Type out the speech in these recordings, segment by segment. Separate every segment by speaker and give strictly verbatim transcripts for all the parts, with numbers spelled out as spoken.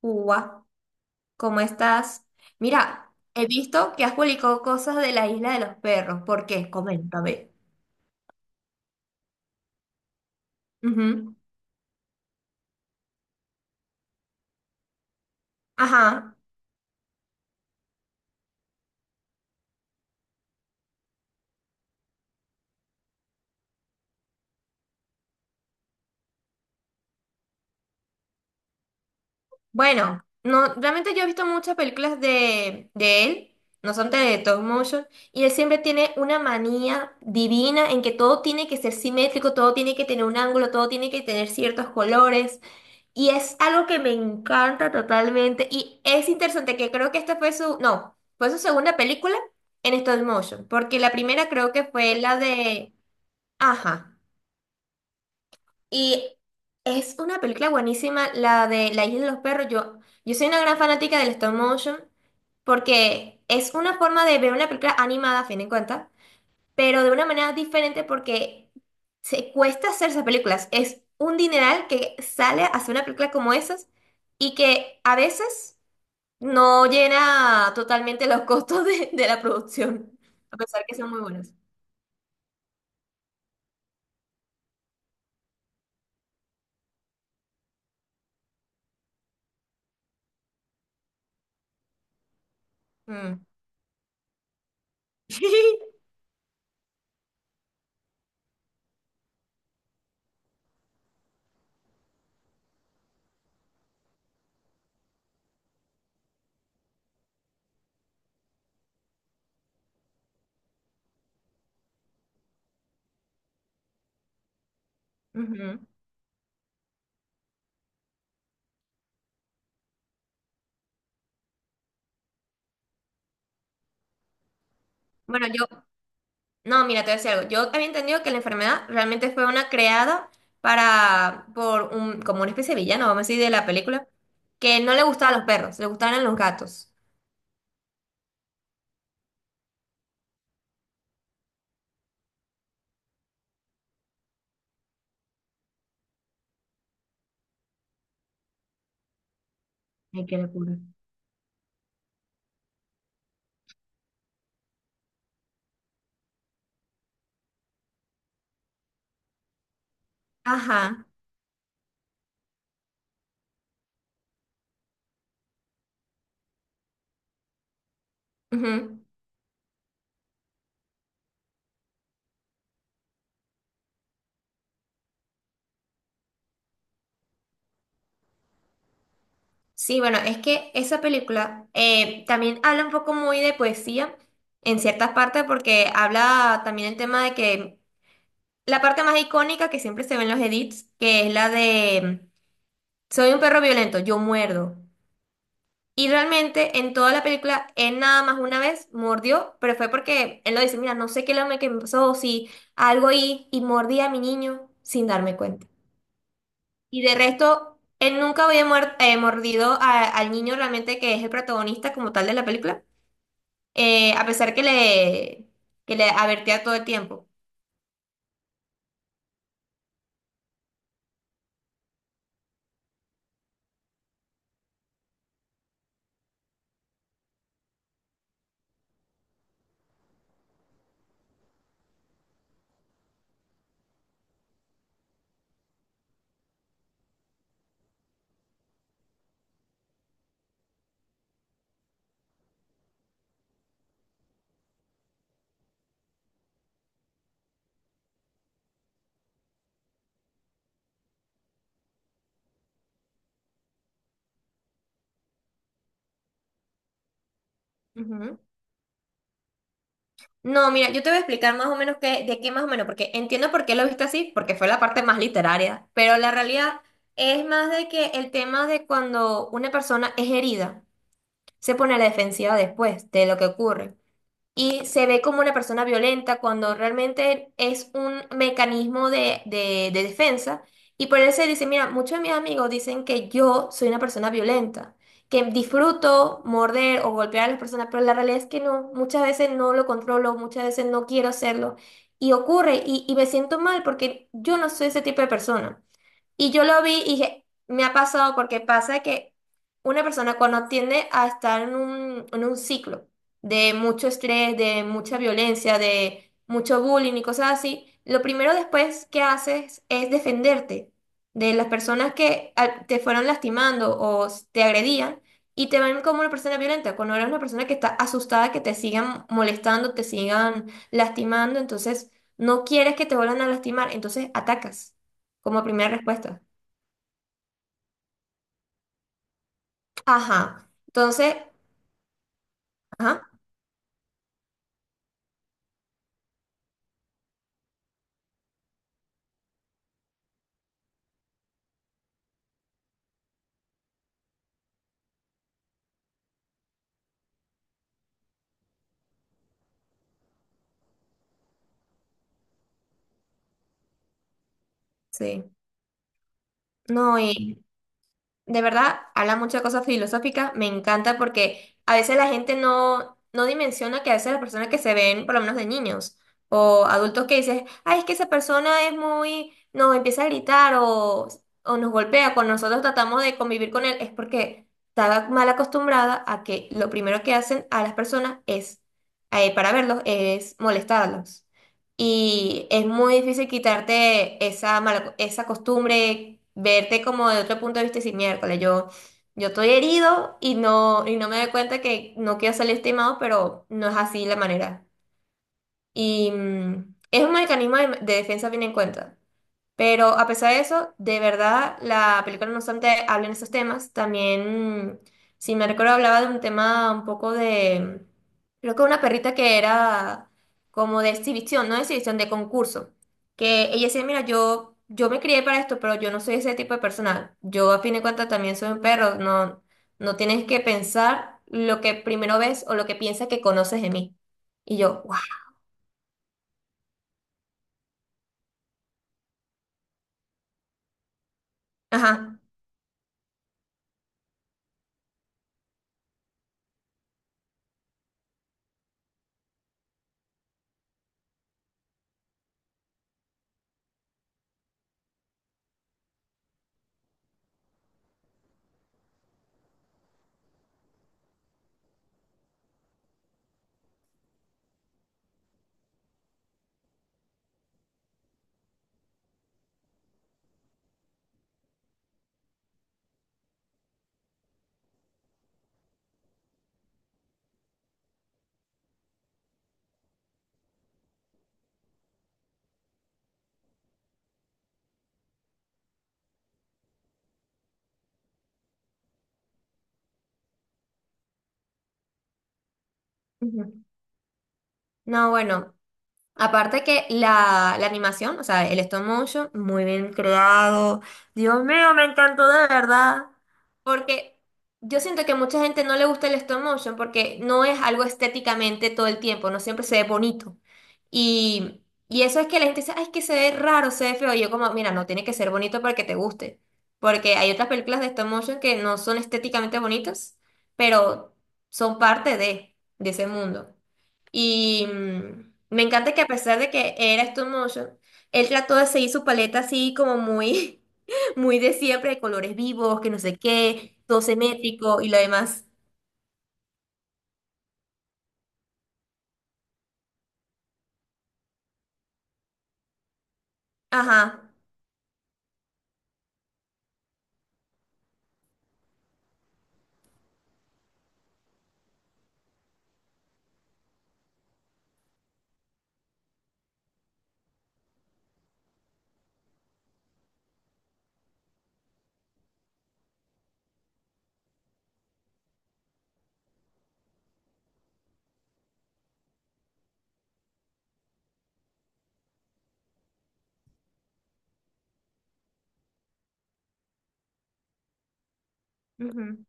Speaker 1: Uva, ¿cómo estás? Mira, he visto que has publicado cosas de la isla de los perros. ¿Por qué? Coméntame. Ujú. Ajá. Bueno, no, realmente yo he visto muchas películas de, de él, no son de Tom motion, y él siempre tiene una manía divina en que todo tiene que ser simétrico, todo tiene que tener un ángulo, todo tiene que tener ciertos colores. Y es algo que me encanta totalmente. Y es interesante que creo que esta fue su, no, fue su segunda película en stop motion, porque la primera creo que fue la de, ajá. Y es una película buenísima, la de La Isla de los Perros. Yo, yo soy una gran fanática del stop motion, porque es una forma de ver una película animada, a fin de cuentas, pero de una manera diferente porque se cuesta hacer esas películas. Es un dineral que sale a hacer una película como esas y que a veces no llena totalmente los costos de, de la producción, a pesar que son muy buenas. Mm. Ujú. Bueno, yo, no, mira, te voy a decir algo. Yo había entendido que la enfermedad realmente fue una creada para, por un, como una especie de villano, vamos a decir, de la película, que no le gustaban los perros, le gustaban los gatos. Ay, qué locura. Ajá. Ujú. Sí, bueno, es que esa película eh, también habla un poco muy de poesía en ciertas partes porque habla también el tema de que la parte más icónica que siempre se ve en los edits, que es la de soy un perro violento, yo muerdo. Y realmente en toda la película él nada más una vez mordió, pero fue porque él lo dice, mira, no sé qué es lo que me pasó, si algo y, y mordí a mi niño sin darme cuenta. Y de resto, él nunca había muer- eh, mordido a- al niño realmente que es el protagonista como tal de la película, eh, a pesar que le, que le advertía todo el tiempo. Ujú. No, mira, yo te voy a explicar más o menos qué, de qué más o menos, porque entiendo por qué lo viste así, porque fue la parte más literaria, pero la realidad es más de que el tema de cuando una persona es herida, se pone a la defensiva después de lo que ocurre. Y se ve como una persona violenta cuando realmente es un mecanismo de, de- de defensa. Y por eso dice, mira, muchos de mis amigos dicen que yo soy una persona violenta, que disfruto morder o golpear a las personas, pero la realidad es que no, muchas veces no lo controlo, muchas veces no quiero hacerlo. Y ocurre, y, y me siento mal porque yo no soy ese tipo de persona. Y yo lo vi y dije, me ha pasado porque pasa que una persona cuando tiende a estar en un, en un ciclo de mucho estrés, de mucha violencia, de mucho bullying y cosas así, lo primero después que haces es defenderte de las personas que ah, te fueron lastimando o s- te agredían y te ven como una persona violenta, cuando eres una persona que está asustada que te sigan molestando, te sigan lastimando, entonces no quieres que te vuelvan a lastimar, entonces atacas como primera respuesta. Ajá. Entonces, ajá, sí. No, y de verdad habla muchas cosas filosóficas. Me encanta porque a veces la gente no, no dimensiona que a veces las personas que se ven, por lo menos de niños o adultos que dices, ay, es que esa persona es muy, nos empieza a gritar o, o nos golpea cuando nosotros tratamos de convivir con él, es porque estaba mal acostumbrada a que lo primero que hacen a las personas es, eh, para verlos, es molestarlos. Y es muy difícil quitarte esa mala, esa costumbre, verte como de otro punto de vista y decir, miércoles, yo, yo estoy herido y no, y no me doy cuenta que no quiero salir estimado, pero no es así la manera. Y mm, es un mecanismo de, de defensa bien en cuenta. Pero a pesar de eso, de verdad, la película no obstante habla en esos temas. También, mm, si me recuerdo, hablaba de un tema un poco de, creo que una perrita que era como de exhibición, no de exhibición, de concurso. Que ella decía, mira, yo, yo me crié para esto, pero yo no soy ese tipo de persona. Yo a fin de cuentas también soy un perro. No, no tienes que pensar lo que primero ves o lo que piensas que conoces de mí. Y yo, wow. Ajá. Ujú. No, bueno, aparte que la, la animación, o sea, el stop motion, muy bien creado. Dios mío, me encantó de verdad. Porque yo siento que mucha gente no le gusta el stop motion porque no es algo estéticamente todo el tiempo, no siempre se ve bonito. Y, y eso es que la gente dice, ay, es que se ve raro, se ve feo. Y yo como, mira, no tiene que ser bonito para que te guste. Porque hay otras películas de stop motion que no son estéticamente bonitas, pero son parte de, de ese mundo. Y mm, me encanta que a pesar de que era stop motion, él trató de seguir su paleta así como muy, muy de siempre, de colores vivos, que no sé qué, todo simétrico y lo demás. Ajá. Ujú.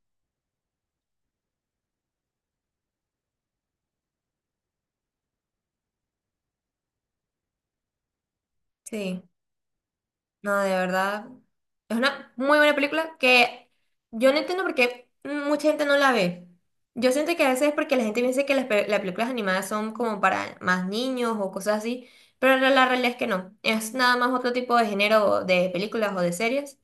Speaker 1: Sí. No, de verdad. Es una muy buena película que yo no entiendo por qué mucha gente no la ve. Yo siento que a veces es porque la gente piensa que las, pe- las películas animadas son como para más niños o cosas así, pero la la realidad es que no. Es nada más otro tipo de género de películas o de series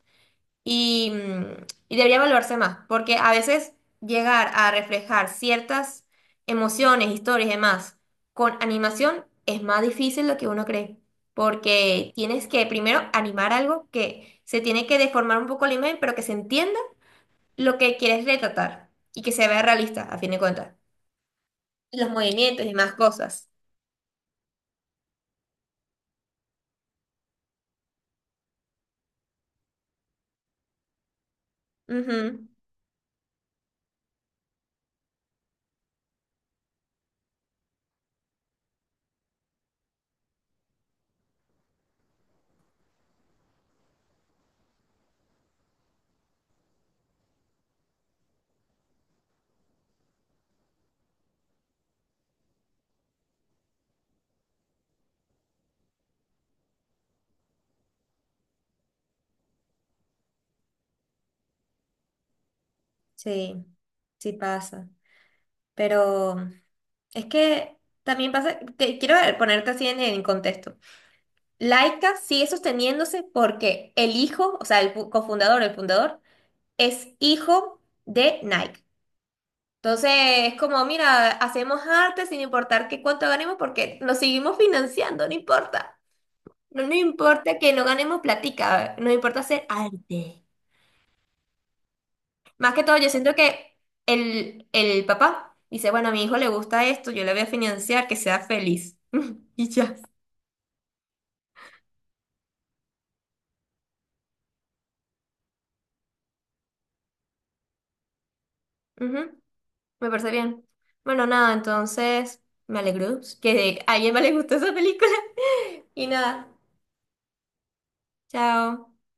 Speaker 1: y, mm, y debería evaluarse más, porque a veces llegar a reflejar ciertas emociones, historias y demás con animación es más difícil de lo que uno cree, porque tienes que primero animar algo que se tiene que deformar un poco la imagen, pero que se entienda lo que quieres retratar y que se vea realista, a fin de cuentas. Los movimientos y más cosas. Ujú. Sí, sí pasa. Pero es que también pasa, te quiero ponerte así en en contexto. Laika sigue sosteniéndose porque el hijo, o sea, el fu- cofundador, el fundador, es hijo de Nike. Entonces, es como, mira, hacemos arte sin importar qué cuánto ganemos porque nos seguimos financiando, no importa. No nos importa que no ganemos platica, nos importa hacer arte. Más que todo, yo siento que el, el papá dice, bueno, a mi hijo le gusta esto, yo le voy a financiar, que sea feliz. Y ya. Ujú. Me parece bien. Bueno, nada, entonces me alegro que a alguien más le gustó esa película. Y nada, chao.